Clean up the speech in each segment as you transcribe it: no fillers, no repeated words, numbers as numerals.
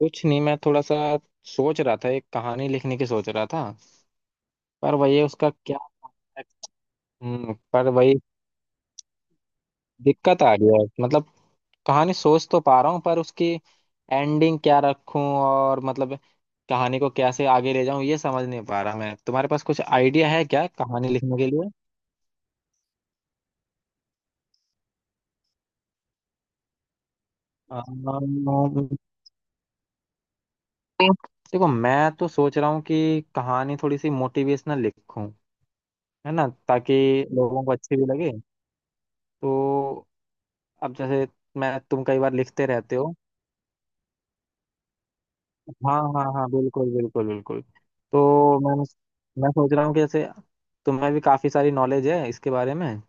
कुछ नहीं, मैं थोड़ा सा सोच रहा था, एक कहानी लिखने की सोच रहा था। पर वही, उसका क्या। हम्म, पर वही दिक्कत आ गया है। मतलब कहानी सोच तो पा रहा हूँ, पर उसकी एंडिंग क्या रखूं, और मतलब कहानी को कैसे आगे ले जाऊं ये समझ नहीं पा रहा। मैं तुम्हारे पास कुछ आइडिया है क्या कहानी लिखने के लिए? अम्म, देखो, मैं तो सोच रहा हूँ कि कहानी थोड़ी सी मोटिवेशनल लिखूं। है ना, ताकि लोगों को अच्छी भी लगे। तो अब जैसे मैं तुम कई बार लिखते रहते हो। हाँ हाँ हाँ, बिल्कुल बिल्कुल बिल्कुल। तो मैं सोच रहा हूँ कि जैसे तुम्हें भी काफी सारी नॉलेज है इसके बारे में,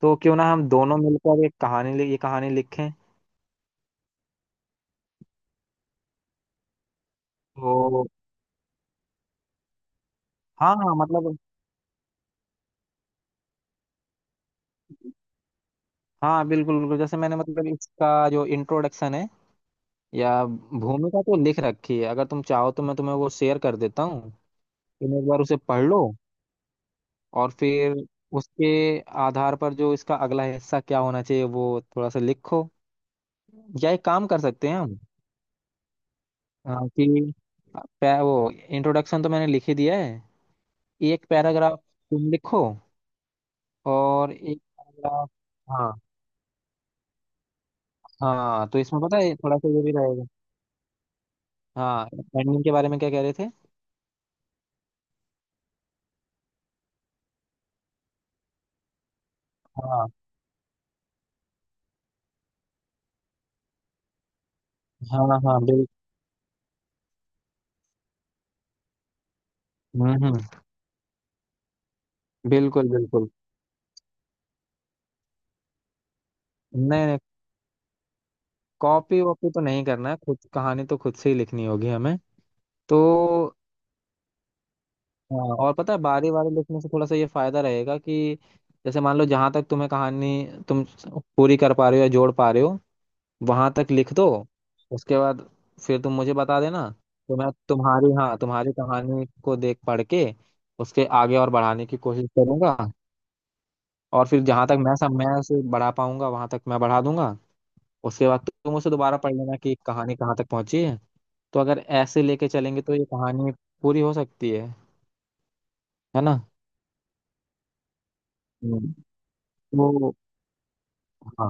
तो क्यों ना हम दोनों मिलकर एक ये कहानी लिखें। तो हाँ हाँ, मतलब हाँ, बिल्कुल बिल्कुल। जैसे मैंने मतलब इसका जो इंट्रोडक्शन है या भूमिका तो लिख रखी है, अगर तुम चाहो तो मैं तुम्हें वो शेयर कर देता हूँ। तुम एक बार उसे पढ़ लो, और फिर उसके आधार पर जो इसका अगला हिस्सा क्या होना चाहिए वो थोड़ा सा लिखो। या एक काम कर सकते हैं हम, अ, कि वो इंट्रोडक्शन तो मैंने लिख ही दिया है, एक पैराग्राफ तुम लिखो और एक पैराग्राफ। हाँ हाँ, तो इसमें पता है थोड़ा सा ये भी रहेगा। हाँ, एंडिंग के बारे में क्या कह रहे थे? हाँ हाँ हाँ, बिल। हम्म हम्म, बिल्कुल बिल्कुल। नहीं नहीं, कॉपी वॉपी तो नहीं करना है, खुद कहानी तो खुद से ही लिखनी होगी हमें। तो हाँ, और पता है बारी बारी लिखने से थोड़ा सा ये फायदा रहेगा कि जैसे मान लो जहां तक तुम्हें कहानी तुम पूरी कर पा रहे हो या जोड़ पा रहे हो, वहां तक लिख दो। उसके बाद फिर तुम मुझे बता देना, तो मैं तुम्हारी कहानी को देख पढ़ के उसके आगे और बढ़ाने की कोशिश करूंगा। और फिर जहां तक मैं उसे बढ़ा पाऊंगा वहां तक मैं बढ़ा दूंगा। उसके बाद तुम उसे दोबारा पढ़ लेना कि कहानी कहाँ तक पहुंची है। तो अगर ऐसे लेके चलेंगे तो ये कहानी पूरी हो सकती है। है ना। हम्म। तो हाँ,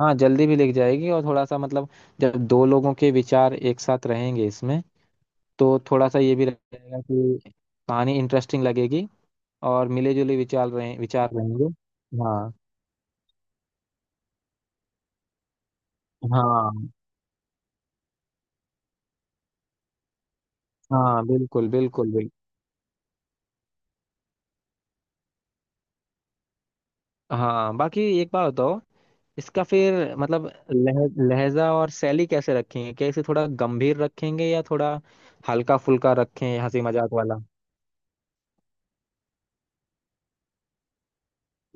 हाँ जल्दी भी लिख जाएगी। और थोड़ा सा मतलब जब दो लोगों के विचार एक साथ रहेंगे इसमें, तो थोड़ा सा ये भी रहेगा कि कहानी इंटरेस्टिंग लगेगी और मिले जुले विचार रहेंगे। हाँ हाँ हाँ, बिल्कुल बिल्कुल बिल्कुल। हाँ, बाकी एक बात बताओ, इसका फिर मतलब लह, लहजा और शैली कैसे रखेंगे? क्या इसे थोड़ा गंभीर रखेंगे या थोड़ा हल्का फुल्का रखें, हंसी मजाक वाला?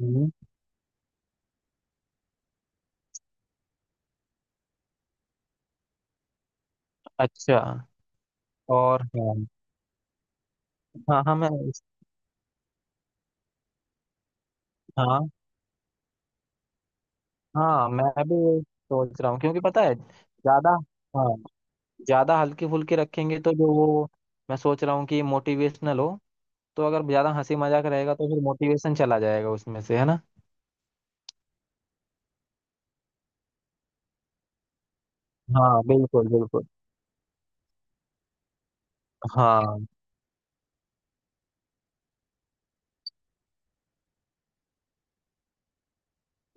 हम्म, अच्छा। और हाँ हाँ, हाँ मैं, हाँ हाँ, मैं भी यही सोच रहा हूँ क्योंकि पता है ज्यादा, हाँ ज्यादा हल्की फुल्की रखेंगे तो जो वो, मैं सोच रहा हूँ कि मोटिवेशनल हो, तो अगर ज्यादा हंसी मजाक रहेगा तो फिर मोटिवेशन चला जाएगा उसमें से। है ना। हाँ बिल्कुल बिल्कुल, हाँ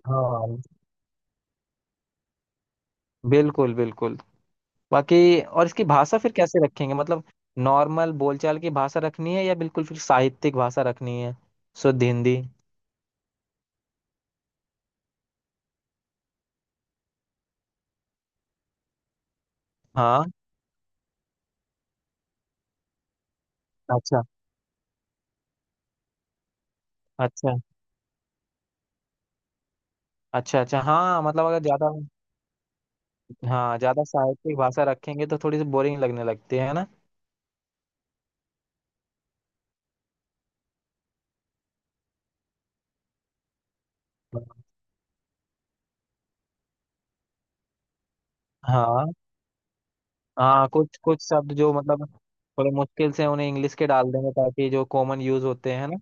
हाँ बिल्कुल बिल्कुल। बाकी और इसकी भाषा फिर कैसे रखेंगे, मतलब नॉर्मल बोलचाल की भाषा रखनी है या बिल्कुल फिर साहित्यिक भाषा रखनी है, शुद्ध हिंदी? हाँ अच्छा, अच्छा अच्छा। अच्छा हाँ, मतलब अगर ज्यादा, हाँ ज्यादा साहित्यिक भाषा रखेंगे तो थोड़ी सी बोरिंग लगने लगती है ना। हाँ हाँ, हाँ कुछ कुछ शब्द जो मतलब थोड़े मुश्किल से, उन्हें इंग्लिश के डाल देंगे ताकि जो कॉमन यूज होते हैं ना।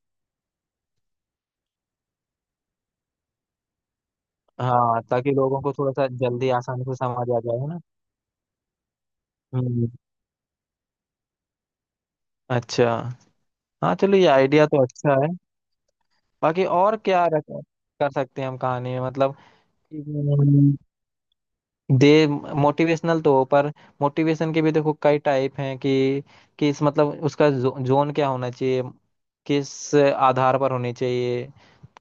हाँ, ताकि लोगों को थोड़ा सा जल्दी आसानी से समझ आ जाए। है ना। हम्म, अच्छा। हाँ चलो, ये आइडिया तो अच्छा है। बाकी और कर सकते हैं हम कहानी में? मतलब दे, मोटिवेशनल तो हो, पर मोटिवेशन के भी देखो कई टाइप हैं कि किस मतलब उसका जोन क्या होना चाहिए, किस आधार पर होनी चाहिए।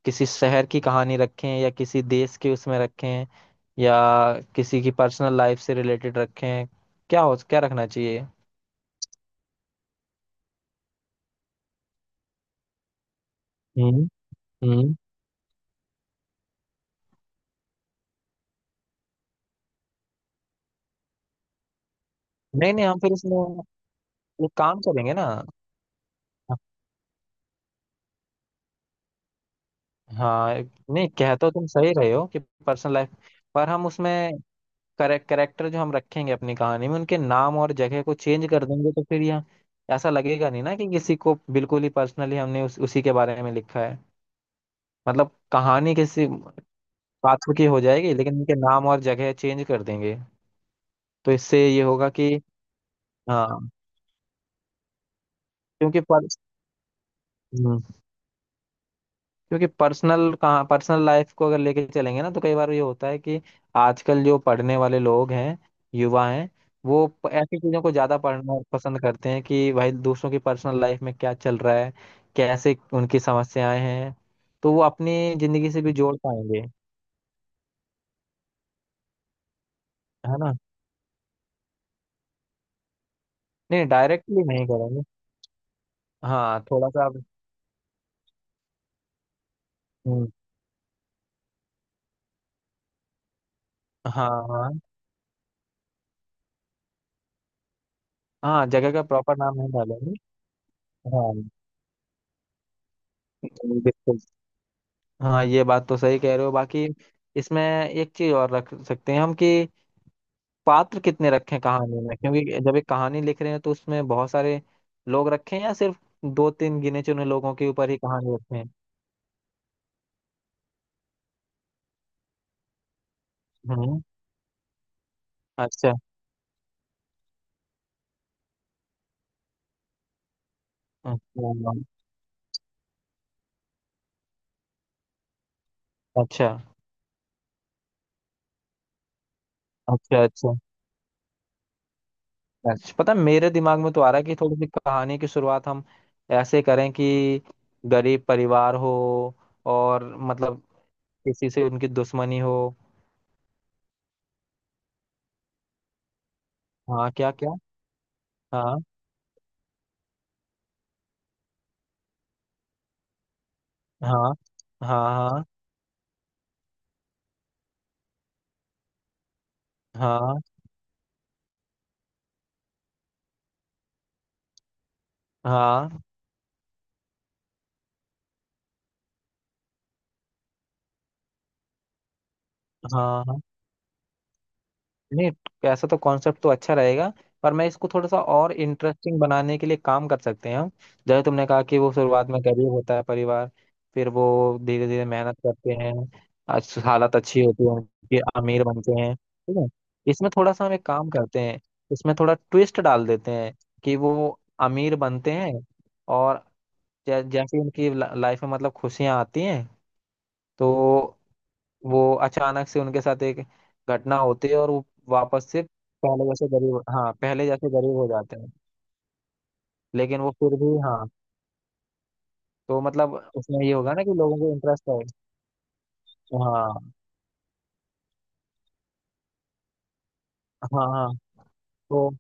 किसी शहर की कहानी रखें या किसी देश के उसमें रखें, या किसी की पर्सनल लाइफ से रिलेटेड रखें? क्या हो, क्या रखना चाहिए? हम्म हम्म। नहीं नहीं, हम फिर इसमें एक काम करेंगे ना। हाँ नहीं, कहते हो तुम सही रहे हो कि पर्सनल लाइफ, पर हम उसमें करेक्टर जो हम रखेंगे अपनी कहानी में, उनके नाम और जगह को चेंज कर देंगे, तो फिर यहाँ ऐसा लगेगा नहीं ना कि किसी को बिल्कुल ही पर्सनली हमने उसी के बारे में लिखा है। मतलब कहानी किसी पात्र की हो जाएगी लेकिन उनके नाम और जगह चेंज कर देंगे। तो इससे ये होगा कि हाँ, क्योंकि पर, हम्म, क्योंकि पर्सनल लाइफ को अगर लेके चलेंगे ना तो कई बार ये होता है कि आजकल जो पढ़ने वाले लोग हैं, युवा हैं, वो ऐसी चीजों को ज्यादा पढ़ना पसंद करते हैं कि भाई दूसरों की पर्सनल लाइफ में क्या चल रहा है, कैसे उनकी समस्याएं हैं, तो वो अपनी जिंदगी से भी जोड़ पाएंगे। है ना। नहीं डायरेक्टली नहीं करेंगे, हाँ थोड़ा सा आप-। हम्म, हाँ हाँ हाँ, जगह का प्रॉपर नाम नहीं डालेंगे। हाँ बिल्कुल। हाँ ये बात तो सही कह रहे हो, बाकी इसमें एक चीज और रख सकते हैं हम कि पात्र कितने रखें कहानी में, क्योंकि जब एक कहानी लिख रहे हैं तो उसमें बहुत सारे लोग रखें या सिर्फ दो तीन गिने चुने लोगों के ऊपर ही कहानी रखें। हम्म, अच्छा अच्छा, अच्छा अच्छा, अच्छा अच्छा। पता है, मेरे दिमाग में तो आ रहा है कि थोड़ी सी कहानी की शुरुआत हम ऐसे करें कि गरीब परिवार हो, और मतलब किसी से उनकी दुश्मनी हो। हाँ क्या क्या, हाँ हाँ हाँ हाँ, हाँ हाँ हाँ हाँ। नहीं, ऐसा तो कॉन्सेप्ट तो अच्छा रहेगा, पर मैं इसको थोड़ा सा और इंटरेस्टिंग बनाने के लिए काम कर सकते हैं हम। जैसे तुमने कहा कि वो शुरुआत में गरीब होता है परिवार, फिर वो धीरे धीरे मेहनत करते हैं, हालत अच्छी होती है उनकी, अमीर बनते हैं, ठीक है। इसमें थोड़ा सा हम एक काम करते हैं, इसमें थोड़ा ट्विस्ट डाल देते हैं कि वो अमीर बनते हैं और जैसे उनकी लाइफ में मतलब खुशियां आती हैं, तो वो अचानक से उनके साथ एक घटना होती है, और वो वापस से पहले जैसे गरीब हो जाते हैं। लेकिन वो फिर भी, हाँ। तो मतलब उसमें ये होगा ना कि लोगों को इंटरेस्ट है। हाँ हाँ हाँ, तो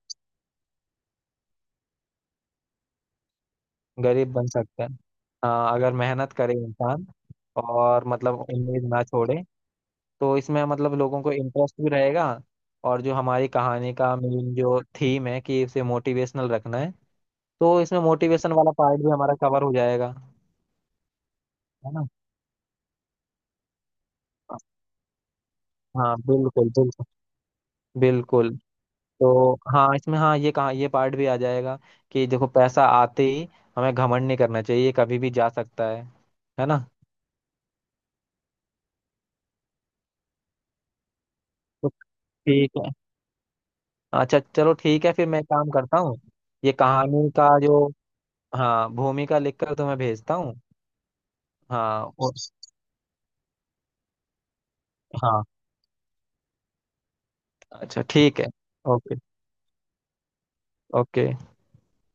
गरीब बन सकते हैं। हाँ अगर मेहनत करे इंसान, और मतलब उम्मीद ना छोड़े। तो इसमें मतलब लोगों को इंटरेस्ट भी रहेगा, और जो हमारी कहानी का मेन जो थीम है कि इसे मोटिवेशनल रखना है, तो इसमें मोटिवेशन वाला पार्ट भी हमारा कवर हो जाएगा। है ना। हाँ बिल्कुल बिल्कुल बिल्कुल। तो हाँ इसमें, हाँ ये कहा, ये पार्ट भी आ जाएगा कि देखो पैसा आते ही हमें घमंड नहीं करना चाहिए, ये कभी भी जा सकता है। है ना। तो ठीक है। अच्छा चलो ठीक है, फिर मैं काम करता हूँ। ये कहानी का जो, हाँ भूमिका लिखकर तुम्हें भेजता हूँ। हाँ और, हाँ अच्छा ठीक है। ओके। ओके।